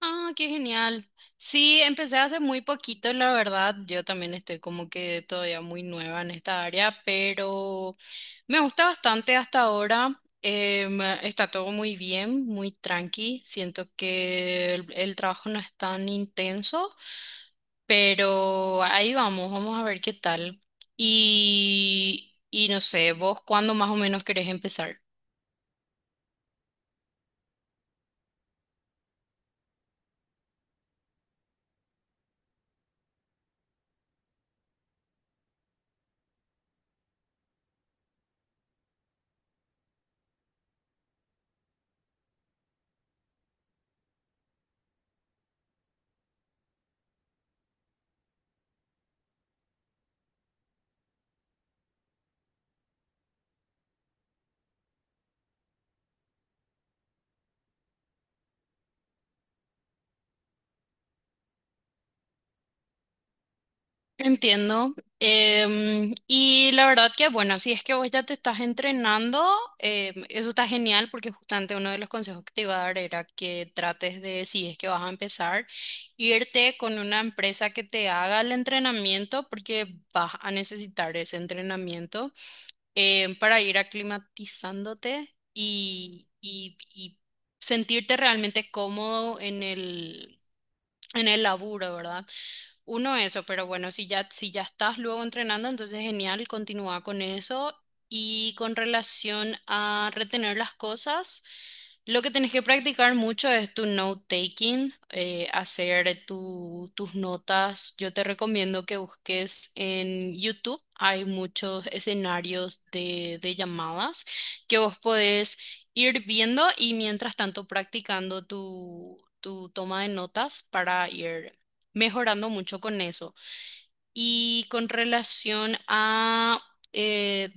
Ah, qué genial. Sí, empecé hace muy poquito, la verdad. Yo también estoy como que todavía muy nueva en esta área, pero me gusta bastante hasta ahora. Está todo muy bien, muy tranqui. Siento que el trabajo no es tan intenso, pero ahí vamos, vamos a ver qué tal. Y no sé, ¿vos cuándo más o menos querés empezar? Entiendo. Y la verdad que, bueno, si es que vos ya te estás entrenando, eso está genial porque justamente uno de los consejos que te iba a dar era que trates de, si es que vas a empezar, irte con una empresa que te haga el entrenamiento porque vas a necesitar ese entrenamiento, para ir aclimatizándote y sentirte realmente cómodo en el laburo, ¿verdad? Uno eso, pero bueno, si ya estás luego entrenando, entonces genial, continúa con eso. Y con relación a retener las cosas. Lo que tenés que practicar mucho es tu note-taking, hacer tus notas. Yo te recomiendo que busques en YouTube. Hay muchos escenarios de llamadas que vos podés ir viendo y mientras tanto practicando tu toma de notas para ir mejorando mucho con eso. Y con relación a eh,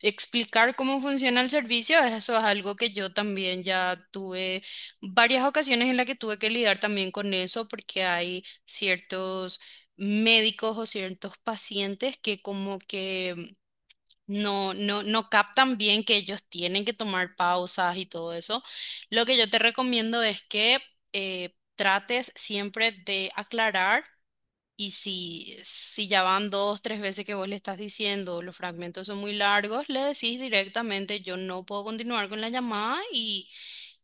explicar cómo funciona el servicio, eso es algo que yo también ya tuve varias ocasiones en las que tuve que lidiar también con eso, porque hay ciertos médicos o ciertos pacientes que como que no captan bien que ellos tienen que tomar pausas y todo eso. Lo que yo te recomiendo es que trates siempre de aclarar. Y si ya van dos, tres veces que vos le estás diciendo, los fragmentos son muy largos, le decís directamente, yo no puedo continuar con la llamada y,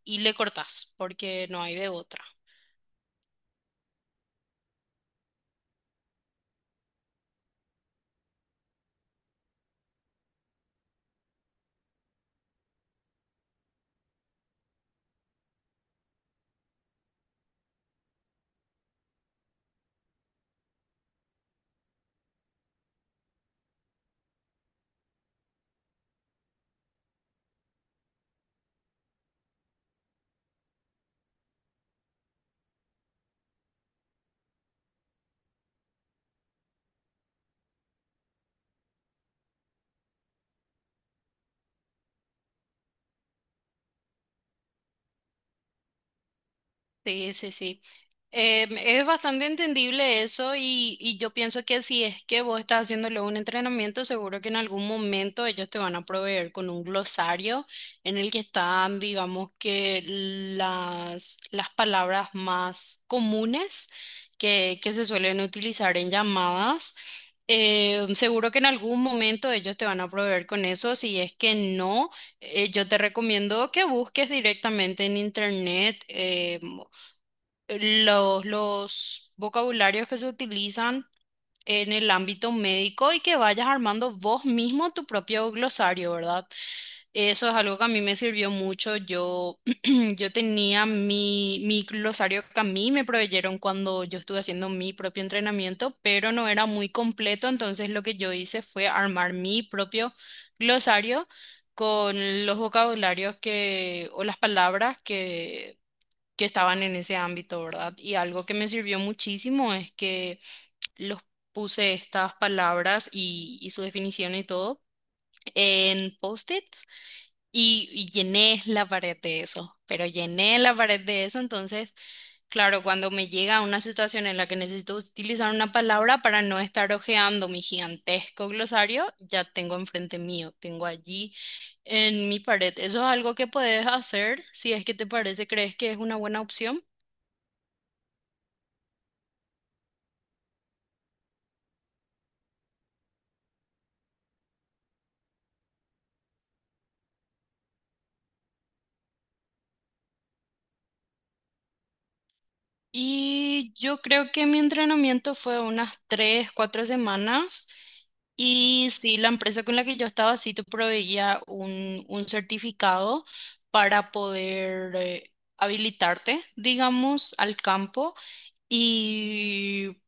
y le cortás, porque no hay de otra. Sí, sí, sí. Es bastante entendible eso, y yo pienso que si es que vos estás haciéndole un entrenamiento, seguro que en algún momento ellos te van a proveer con un glosario en el que están, digamos, que las palabras más comunes que se suelen utilizar en llamadas. Seguro que en algún momento ellos te van a proveer con eso. Si es que no, yo te recomiendo que busques directamente en internet. Los vocabularios que se utilizan en el ámbito médico y que vayas armando vos mismo tu propio glosario, ¿verdad? Eso es algo que a mí me sirvió mucho. Yo, yo tenía mi glosario que a mí me proveyeron cuando yo estuve haciendo mi propio entrenamiento, pero no era muy completo, entonces lo que yo hice fue armar mi propio glosario con los vocabularios que, o las palabras que estaban en ese ámbito, ¿verdad? Y algo que me sirvió muchísimo es que los puse, estas palabras y su definición y todo en post-it, y llené la pared de eso, pero llené la pared de eso, entonces, claro, cuando me llega una situación en la que necesito utilizar una palabra para no estar hojeando mi gigantesco glosario, ya tengo enfrente mío, tengo allí en mi pared. Eso es algo que puedes hacer si es que te parece, crees que es una buena opción. Y yo creo que mi entrenamiento fue unas 3, 4 semanas. Y sí, la empresa con la que yo estaba sí te proveía un certificado para poder habilitarte, digamos, al campo. Y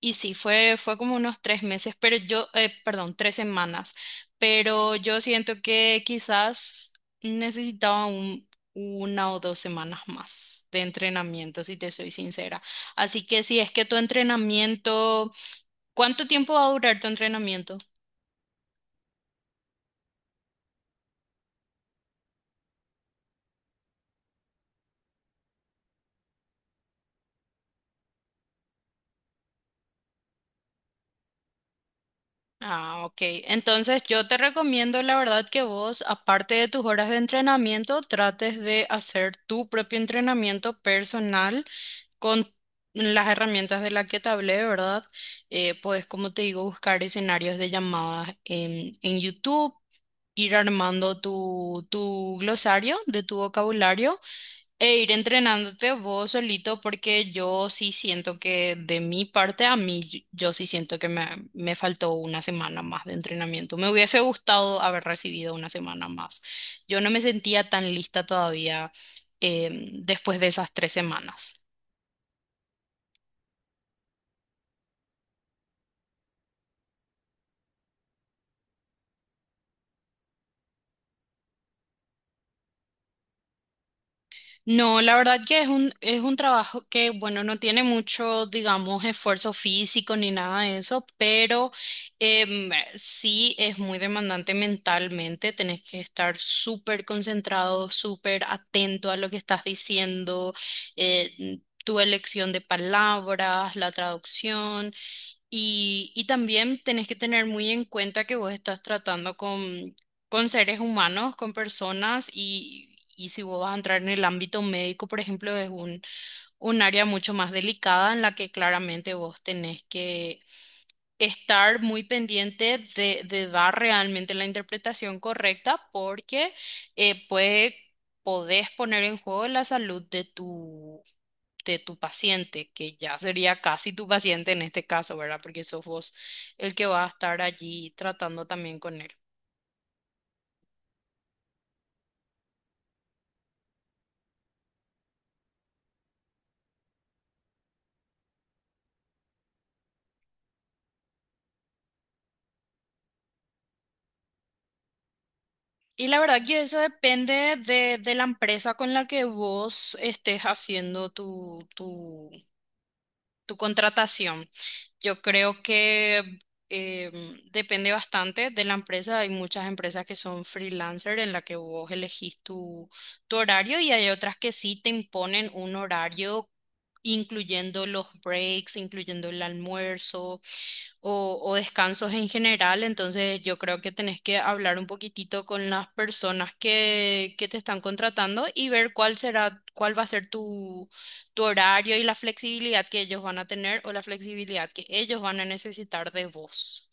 y sí, fue como unos 3 meses, pero yo, perdón, 3 semanas, pero yo siento que quizás necesitaba una o dos semanas más de entrenamiento, si te soy sincera. Así que si es que tu entrenamiento, ¿cuánto tiempo va a durar tu entrenamiento? Ah, ok. Entonces yo te recomiendo, la verdad, que vos, aparte de tus horas de entrenamiento, trates de hacer tu propio entrenamiento personal con las herramientas de las que te hablé, ¿verdad? Puedes, como te digo, buscar escenarios de llamadas en YouTube, ir armando tu glosario de tu vocabulario e ir entrenándote vos solito, porque yo sí siento que de mi parte, a mí, yo sí siento que me faltó una semana más de entrenamiento. Me hubiese gustado haber recibido una semana más. Yo no me sentía tan lista todavía, después de esas 3 semanas. No, la verdad que es un trabajo que, bueno, no tiene mucho, digamos, esfuerzo físico ni nada de eso, pero sí es muy demandante mentalmente. Tenés que estar súper concentrado, súper atento a lo que estás diciendo, tu elección de palabras, la traducción. Y también tenés que tener muy en cuenta que vos estás tratando con seres humanos, con personas, y si vos vas a entrar en el ámbito médico, por ejemplo, es un área mucho más delicada en la que claramente vos tenés que estar muy pendiente de dar realmente la interpretación correcta porque puede, podés poner en juego la salud de tu paciente, que ya sería casi tu paciente en este caso, ¿verdad? Porque sos vos el que va a estar allí tratando también con él. Y la verdad que eso depende de la empresa con la que vos estés haciendo tu contratación. Yo creo que, depende bastante de la empresa. Hay muchas empresas que son freelancer en la que vos elegís tu horario y hay otras que sí te imponen un horario incluyendo los breaks, incluyendo el almuerzo o descansos en general, entonces yo creo que tenés que hablar un poquitito con las personas que te están contratando y ver cuál será, cuál va a ser tu horario y la flexibilidad que ellos van a tener o la flexibilidad que ellos van a necesitar de vos.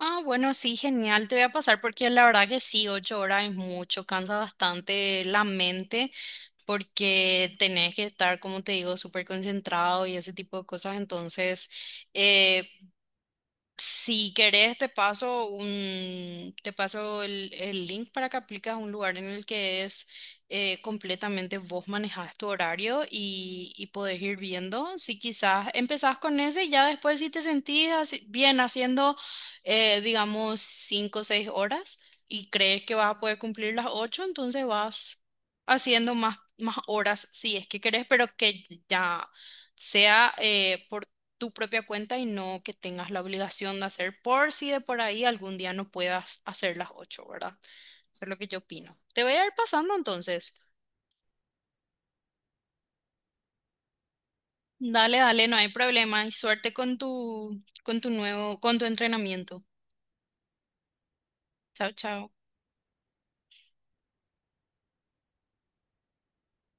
Ah, bueno, sí, genial, te voy a pasar porque la verdad que sí, 8 horas es mucho, cansa bastante la mente porque tenés que estar, como te digo, súper concentrado y ese tipo de cosas, entonces. Si querés, te paso el link para que apliques a un lugar en el que es completamente vos manejás tu horario y podés ir viendo. Si quizás empezás con ese y ya después si te sentís bien haciendo, digamos, 5 o 6 horas y crees que vas a poder cumplir las 8, entonces vas haciendo más horas si es que querés, pero que ya sea, por tu propia cuenta y no que tengas la obligación de hacer por si de por ahí algún día no puedas hacer las 8, ¿verdad? Eso es lo que yo opino. Te voy a ir pasando entonces. Dale, dale, no hay problema y suerte con tu entrenamiento. Chao, chao.